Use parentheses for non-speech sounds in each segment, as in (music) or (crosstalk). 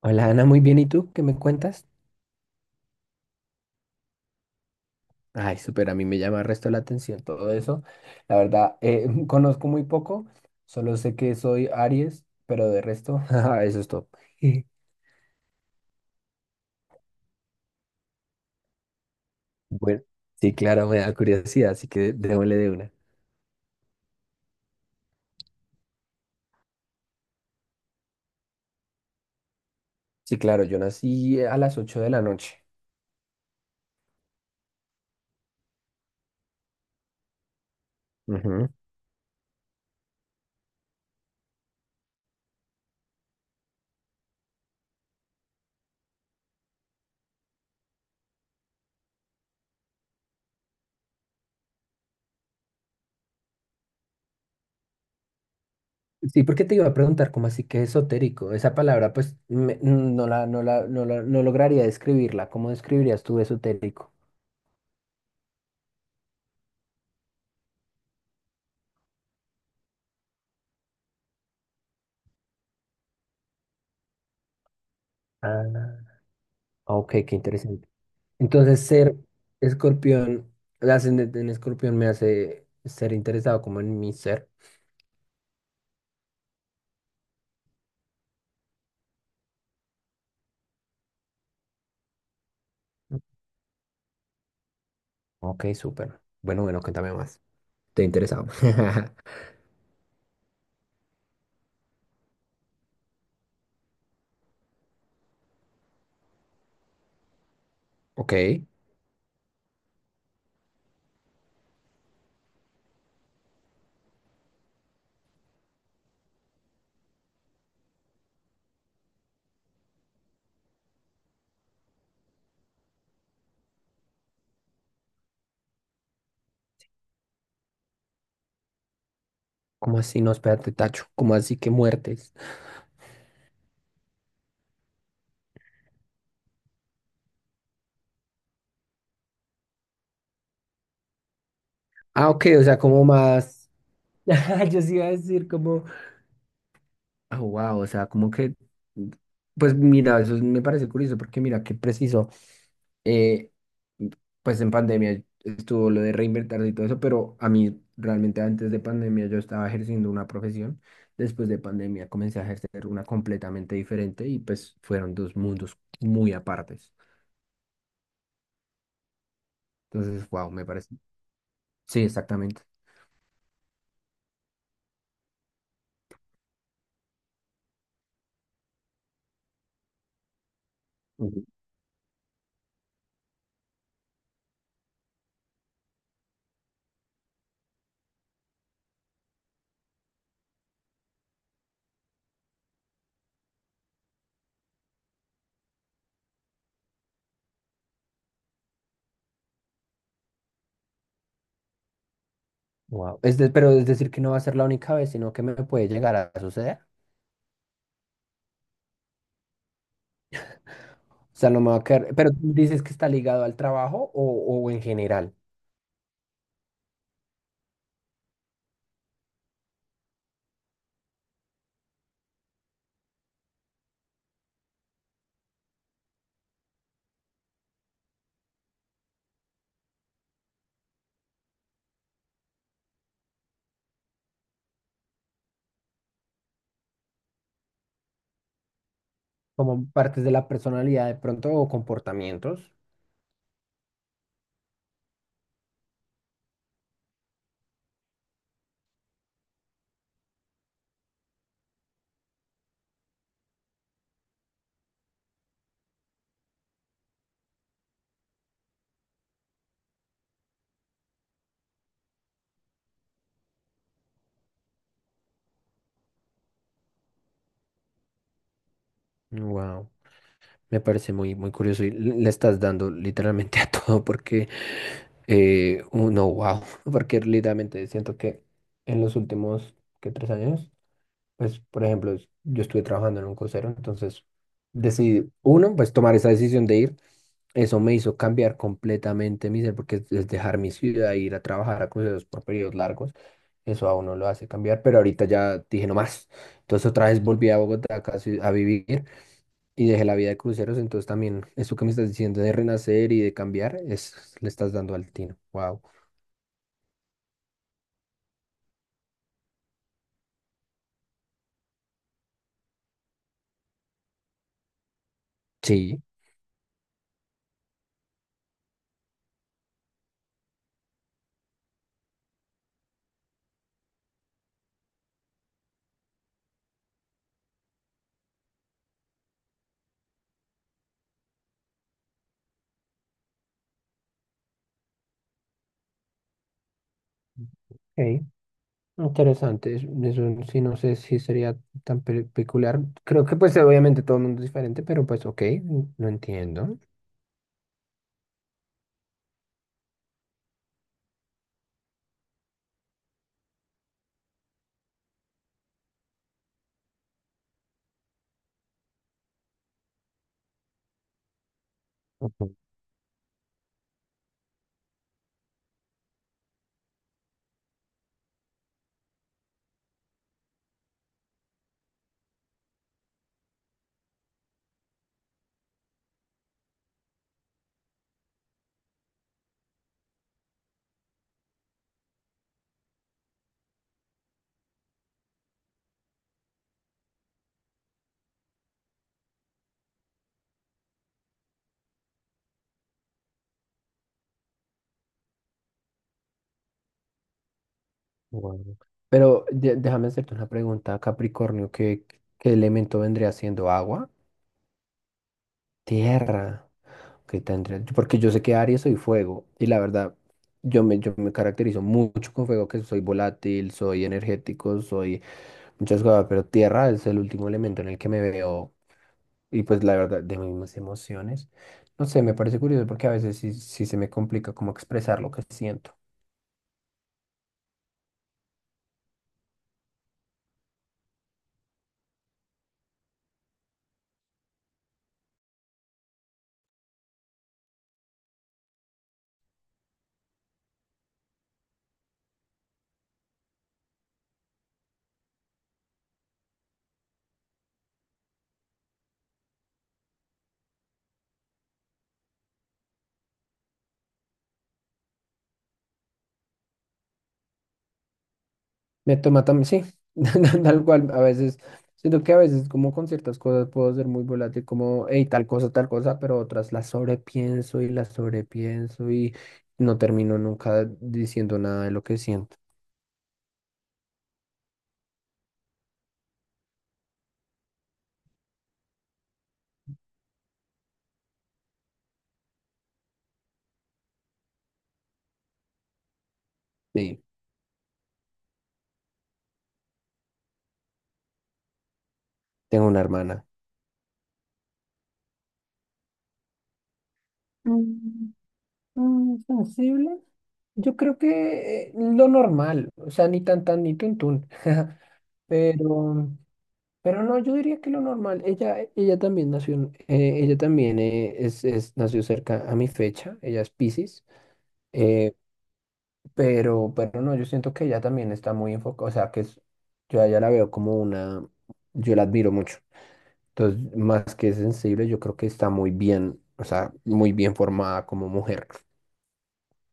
Hola Ana, muy bien. ¿Y tú qué me cuentas? Ay, súper, a mí me llama el resto la atención todo eso. La verdad, (laughs) conozco muy poco, solo sé que soy Aries, pero de resto, (laughs) ajá, eso es todo. (laughs) Bueno, sí, claro, me da curiosidad, así que démosle de una. Sí, claro, yo nací a las 8 de la noche. Ujú. Sí, porque te iba a preguntar cómo así que esotérico. Esa palabra, pues, no la, no lograría describirla. ¿Cómo describirías tú esotérico? Ah, ok, qué interesante. Entonces, ser escorpión, el ascendente en escorpión me hace ser interesado como en mi ser. Ok, súper. Bueno, bueno, cuéntame más. Te he interesado. (laughs) Ok. ¿Cómo así? No, espérate, Tacho. ¿Cómo así que muertes? Ah, ok, o sea, como más. (laughs) Yo sí iba a decir como. Ah, wow, o sea, como que. Pues mira, eso me parece curioso porque mira, qué preciso. eh, pues en pandemia estuvo lo de reinventarse y todo eso, pero a mí realmente antes de pandemia yo estaba ejerciendo una profesión, después de pandemia comencé a ejercer una completamente diferente y pues fueron dos mundos muy apartes. Entonces, wow, me parece. Sí, exactamente. Ujú. Wow. Pero es decir que no va a ser la única vez, sino que me puede llegar a suceder. O sea, no me va a quedar. Pero tú dices que está ligado al trabajo o en general, como partes de la personalidad de pronto o comportamientos. Wow. Me parece muy, muy curioso y le estás dando literalmente (laughs) a todo porque, uno, wow, (laughs) porque literalmente siento que en los últimos, ¿qué? 3 años, pues, por ejemplo, yo estuve trabajando en un crucero, entonces decidí, uno, pues tomar esa decisión de ir, eso me hizo cambiar completamente mi ser, porque es dejar mi ciudad e ir a trabajar a cruceros por periodos largos, eso a uno lo hace cambiar, pero ahorita ya dije no más, entonces otra vez volví a Bogotá casi a vivir. Y dejé la vida de cruceros, entonces también eso que me estás diciendo de renacer y de cambiar, es, le estás dando al tino. Wow. Sí. Ok, interesante, eso sí, no sé si sería peculiar. Creo que pues obviamente todo el mundo es diferente, pero pues ok, lo entiendo. Ujú, guau. Déjame hacerte una pregunta, Capricornio, ¿qué, qué elemento vendría siendo agua? Tierra. Ok, tendría. Porque yo sé que Aries soy fuego. Y la verdad, yo me caracterizo mucho con fuego, que soy volátil, soy energético, soy muchas cosas. Pero tierra es el último elemento en el que me veo. Y pues la verdad, de mis emociones. No sé, me parece curioso porque a veces sí, sí se me complica como expresar lo que siento. Me toma también, sí, (laughs) tal cual, a veces, siento que a veces como con ciertas cosas puedo ser muy volátil, como, hey, tal cosa, pero otras las sobrepienso y no termino nunca diciendo nada de lo que siento. Sí, tengo una hermana. Mm, mm. Sensible. Yo creo que lo normal, o sea, ni tan tan ni tun tun, (laughs) pero Pero no, yo diría que lo normal, ella también nació, ella también nació cerca a mi fecha, ella es Piscis, eh, pero no, yo siento que ella también está muy enfocada, o sea, que es, yo a ella la veo como una, yo la admiro mucho, entonces, más que sensible, yo creo que está muy bien, o sea, muy bien formada como mujer,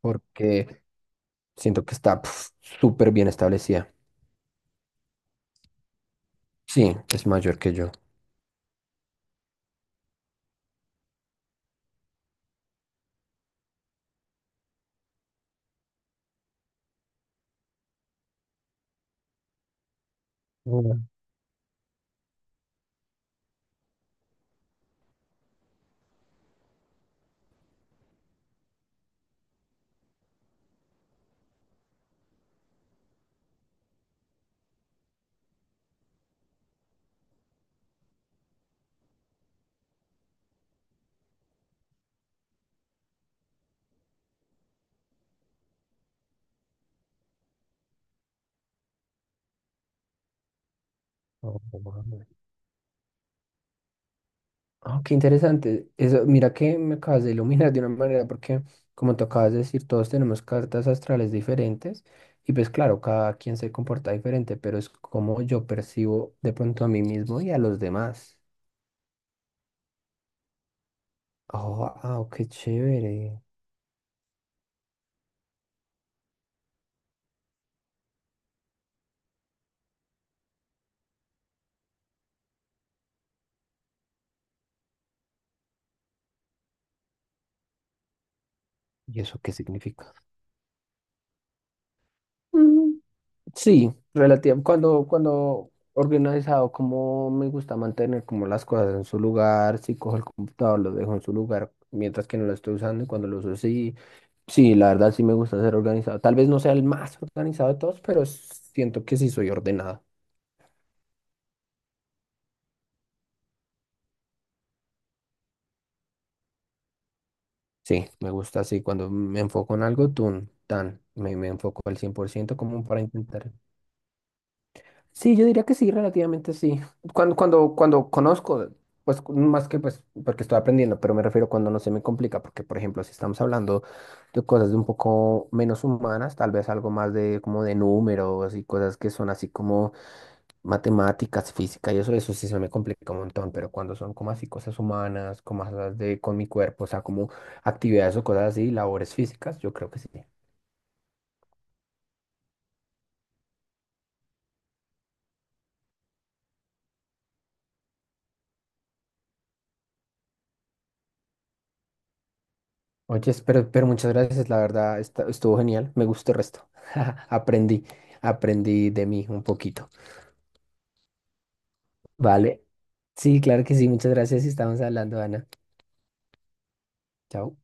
porque siento que está pf, súper bien establecida. Sí, es mayor que yo. Wow. Ah, qué interesante. Eso, mira que me acabas de iluminar de una manera, porque como te acabas de decir, todos tenemos cartas astrales diferentes y pues claro, cada quien se comporta diferente, pero es como yo percibo de pronto a mí mismo y a los demás. Oh, wow, qué chévere. ¿Y eso qué significa? Sí, relativa. Cuando organizado, como me gusta mantener como las cosas en su lugar, si cojo el computador, lo dejo en su lugar, mientras que no lo estoy usando y cuando lo uso, sí, sí, la verdad sí me gusta ser organizado. Tal vez no sea el más organizado de todos, pero siento que sí soy ordenado. Sí, me gusta así. Cuando me enfoco en algo, tun, tan, me enfoco al 100% como para intentar. Sí, yo diría que sí, relativamente sí. Cuando conozco, pues más que pues porque estoy aprendiendo, pero me refiero cuando no se me complica, porque por ejemplo, si estamos hablando de cosas de un poco menos humanas, tal vez algo más de como de números y cosas que son así como matemáticas, física y eso sí se me complica un montón, pero cuando son como así cosas humanas, como cosas de con mi cuerpo, o sea, como actividades o cosas así, labores físicas, yo creo que sí. Oye, pero muchas gracias, la verdad estuvo genial, me gustó el resto. (laughs) Aprendí, aprendí de mí un poquito. Vale. Sí, claro que sí, muchas gracias y estamos hablando, Ana. Chao.